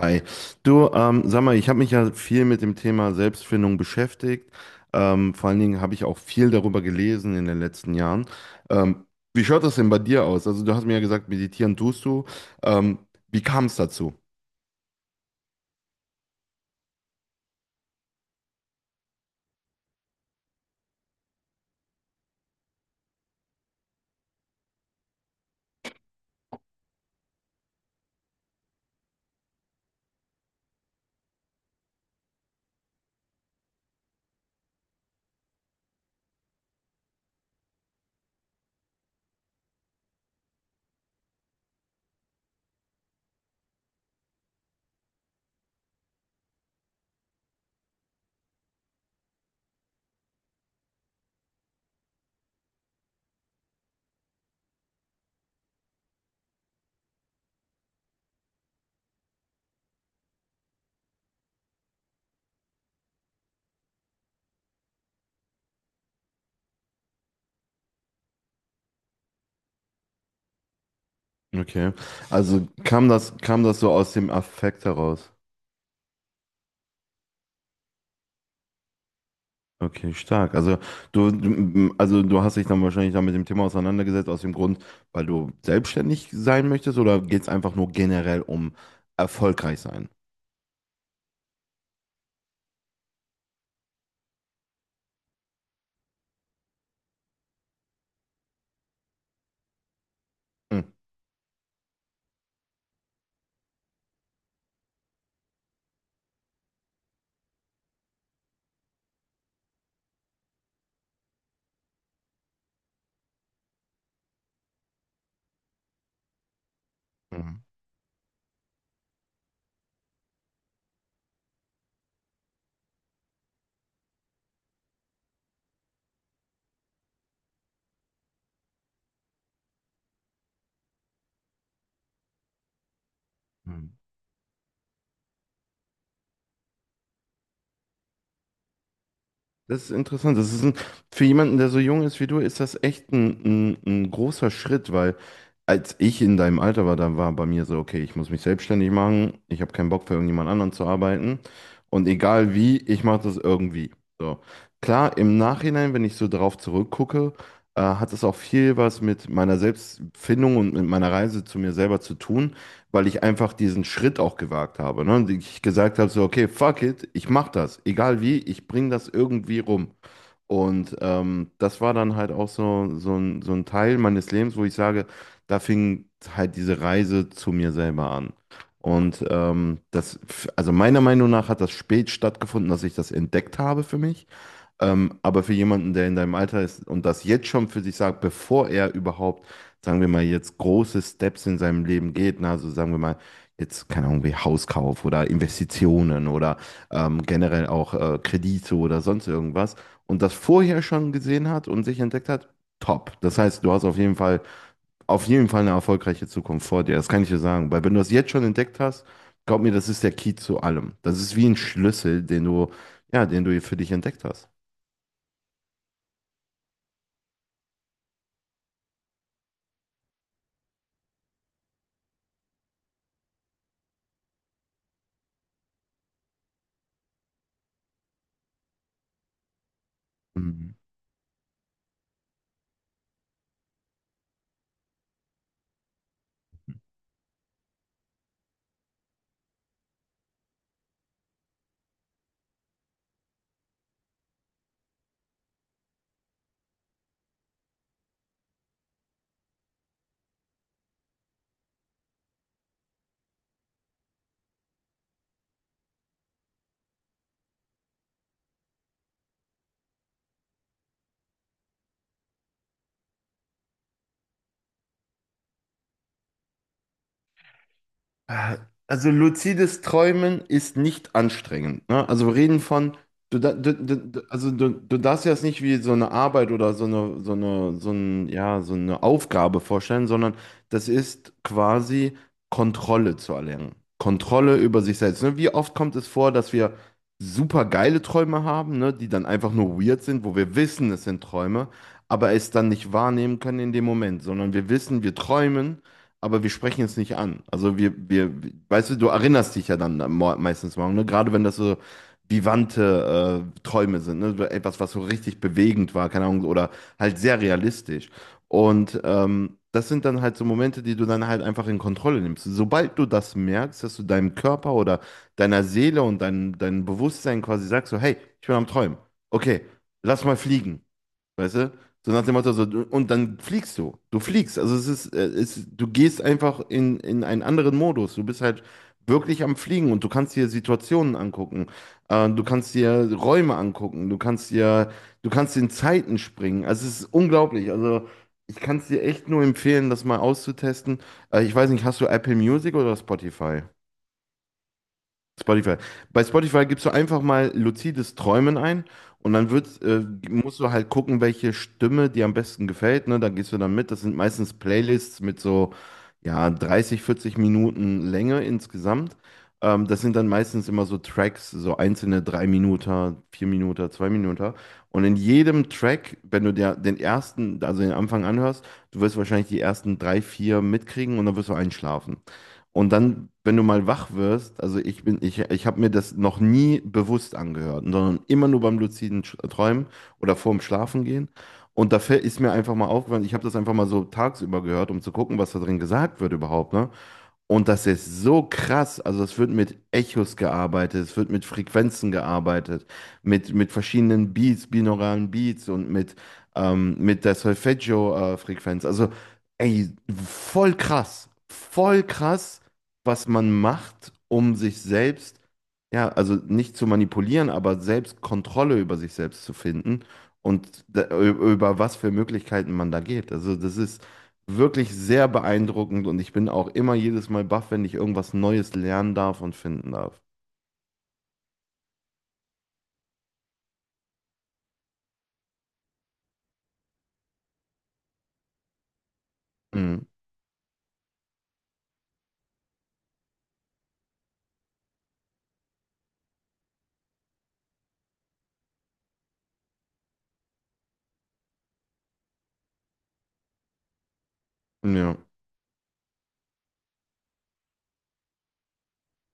Hi. Du, sag mal, ich habe mich ja viel mit dem Thema Selbstfindung beschäftigt. Vor allen Dingen habe ich auch viel darüber gelesen in den letzten Jahren. Ähm, Wie schaut das denn bei dir aus? Also du hast mir ja gesagt, meditieren tust du. Ähm, Wie kam es dazu? Okay. Also kam das so aus dem Affekt heraus? Okay, stark. Also du hast dich dann wahrscheinlich dann mit dem Thema auseinandergesetzt aus dem Grund, weil du selbstständig sein möchtest oder geht es einfach nur generell um erfolgreich sein? Mhm. Hm. Das ist interessant. Für jemanden, der so jung ist wie du, ist das echt ein großer Schritt, weil als ich in deinem Alter war, da war bei mir so, okay, ich muss mich selbstständig machen, ich habe keinen Bock für irgendjemand anderen zu arbeiten und egal wie, ich mache das irgendwie. So. Klar, im Nachhinein, wenn ich so drauf zurückgucke, hat es auch viel was mit meiner Selbstfindung und mit meiner Reise zu mir selber zu tun, weil ich einfach diesen Schritt auch gewagt habe. Ne? Und ich gesagt habe so, okay, fuck it, ich mach das, egal wie, ich bring das irgendwie rum. Und das war dann halt auch so, so ein Teil meines Lebens, wo ich sage, da fing halt diese Reise zu mir selber an. Und das, also meiner Meinung nach hat das spät stattgefunden, dass ich das entdeckt habe für mich. Aber für jemanden, der in deinem Alter ist und das jetzt schon für sich sagt, bevor er überhaupt, sagen wir mal, jetzt große Steps in seinem Leben geht, na, also sagen wir mal, jetzt, keine Ahnung, wie Hauskauf oder Investitionen oder generell auch Kredite oder sonst irgendwas und das vorher schon gesehen hat und sich entdeckt hat, top. Das heißt, du hast auf jeden Fall eine erfolgreiche Zukunft vor dir. Das kann ich dir sagen, weil wenn du das jetzt schon entdeckt hast, glaub mir, das ist der Key zu allem. Das ist wie ein Schlüssel, ja, den du für dich entdeckt hast. Mhm. Äh, Also luzides Träumen ist nicht anstrengend. Ne? Du, da- du- also du darfst dir das nicht wie so eine Arbeit oder so eine, so eine Aufgabe vorstellen, sondern das ist quasi Kontrolle zu erlernen. Kontrolle über sich selbst. Ne? Wie oft kommt es vor, dass wir super geile Träume haben, ne? Die dann einfach nur weird sind, wo wir wissen, es sind Träume, aber es dann nicht wahrnehmen können in dem Moment, sondern wir wissen, wir träumen, aber wir sprechen es nicht an. Weißt du, du erinnerst dich ja dann meistens morgen, ne? Gerade wenn das so vivante Träume sind, ne? So etwas, was so richtig bewegend war, keine Ahnung, oder halt sehr realistisch. Und das sind dann halt so Momente, die du dann halt einfach in Kontrolle nimmst. Sobald du das merkst, dass du deinem Körper oder deiner Seele und deinem Bewusstsein quasi sagst, so, hey, ich bin am Träumen. Okay, lass mal fliegen. Weißt du? So nach dem Motto, so, und dann fliegst du. Du fliegst. Also es ist, du gehst einfach in einen anderen Modus. Du bist halt wirklich am Fliegen und du kannst dir Situationen angucken. Du kannst dir Räume angucken. Du kannst in Zeiten springen. Also es ist unglaublich. Also ich kann es dir echt nur empfehlen, das mal auszutesten. Ich weiß nicht, hast du Apple Music oder Spotify? Spotify. Bei Spotify gibst du einfach mal luzides Träumen ein und dann wird, musst du halt gucken, welche Stimme dir am besten gefällt. Ne? Dann gehst du dann mit. Das sind meistens Playlists mit so ja, 30, 40 Minuten Länge insgesamt. Das sind dann meistens immer so Tracks, so einzelne 3 Minuten, 4 Minuten, 2 Minuten. Und in jedem Track, wenn du dir den ersten, also den Anfang anhörst, du wirst wahrscheinlich die ersten drei, vier mitkriegen und dann wirst du einschlafen. Und dann, wenn du mal wach wirst, also ich habe mir das noch nie bewusst angehört, sondern immer nur beim luziden Träumen oder vorm Schlafengehen. Und da ist mir einfach mal aufgefallen, ich habe das einfach mal so tagsüber gehört, um zu gucken, was da drin gesagt wird überhaupt, ne? Und das ist so krass. Also es wird mit Echos gearbeitet, es wird mit Frequenzen gearbeitet, mit verschiedenen Beats, binauralen Beats und mit der Solfeggio-Frequenz. Also ey, voll krass. Voll krass, was man macht, um sich selbst, ja, also nicht zu manipulieren, aber selbst Kontrolle über sich selbst zu finden und über was für Möglichkeiten man da geht. Also das ist wirklich sehr beeindruckend und ich bin auch immer jedes Mal baff, wenn ich irgendwas Neues lernen darf und finden darf. Mhm. Ja.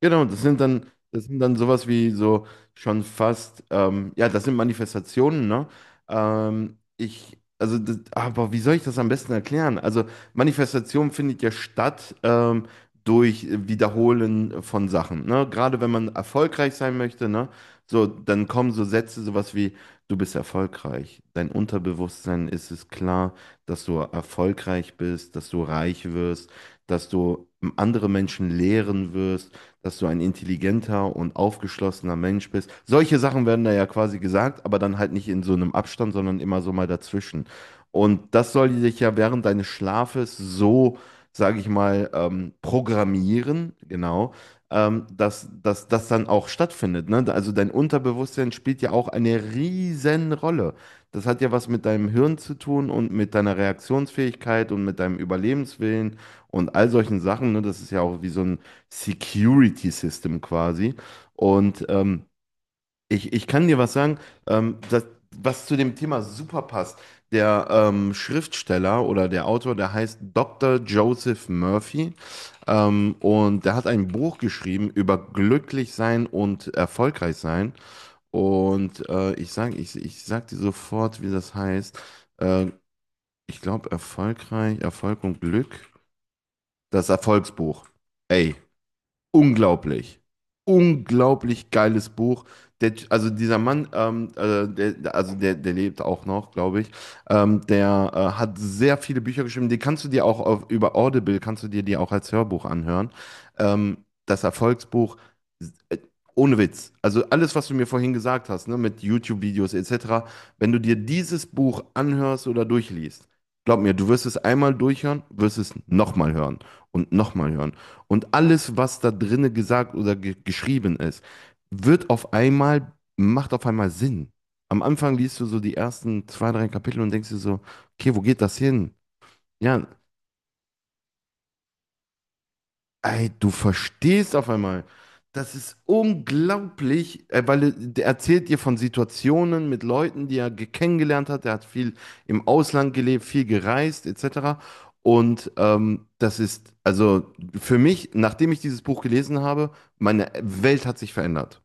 Genau, das sind dann sowas wie so schon fast, ja, das sind Manifestationen, ne? Aber wie soll ich das am besten erklären? Also, Manifestation findet ja statt durch Wiederholen von Sachen, ne? Gerade wenn man erfolgreich sein möchte, ne? So, dann kommen so Sätze, sowas wie, du bist erfolgreich. Dein Unterbewusstsein ist es klar, dass du erfolgreich bist, dass du reich wirst, dass du andere Menschen lehren wirst, dass du ein intelligenter und aufgeschlossener Mensch bist. Solche Sachen werden da ja quasi gesagt, aber dann halt nicht in so einem Abstand, sondern immer so mal dazwischen. Und das soll dich ja während deines Schlafes so, sage ich mal, programmieren, genau, dass, dass das dann auch stattfindet. Ne? Also dein Unterbewusstsein spielt ja auch eine riesen Rolle. Das hat ja was mit deinem Hirn zu tun und mit deiner Reaktionsfähigkeit und mit deinem Überlebenswillen und all solchen Sachen. Ne? Das ist ja auch wie so ein Security System quasi. Und ich kann dir was sagen, das, was zu dem Thema super passt. Der Schriftsteller oder der Autor, der heißt Dr. Joseph Murphy. Und der hat ein Buch geschrieben über glücklich sein und erfolgreich sein. Und ich sag dir sofort, wie das heißt. Äh, Ich glaube, erfolgreich, Erfolg und Glück. Das Erfolgsbuch. Ey, unglaublich. Unglaublich geiles Buch. Der, also dieser Mann, der lebt auch noch, glaube ich. Der hat sehr viele Bücher geschrieben. Die kannst du dir auch auf, über Audible, kannst du dir die auch als Hörbuch anhören. Ähm, Das Erfolgsbuch, äh, ohne Witz. Also alles, was du mir vorhin gesagt hast, ne, mit YouTube-Videos etc., wenn du dir dieses Buch anhörst oder durchliest, glaub mir, du wirst es einmal durchhören, wirst es nochmal hören. Und alles, was da drinnen gesagt oder ge geschrieben ist, wird auf einmal, macht auf einmal Sinn. Am Anfang liest du so die ersten zwei, drei Kapitel und denkst dir so, okay, wo geht das hin? Ja, ey, du verstehst auf einmal. Das ist unglaublich, weil der erzählt dir von Situationen mit Leuten, die er kennengelernt hat. Er hat viel im Ausland gelebt, viel gereist, etc. Und das ist, also für mich, nachdem ich dieses Buch gelesen habe, meine Welt hat sich verändert.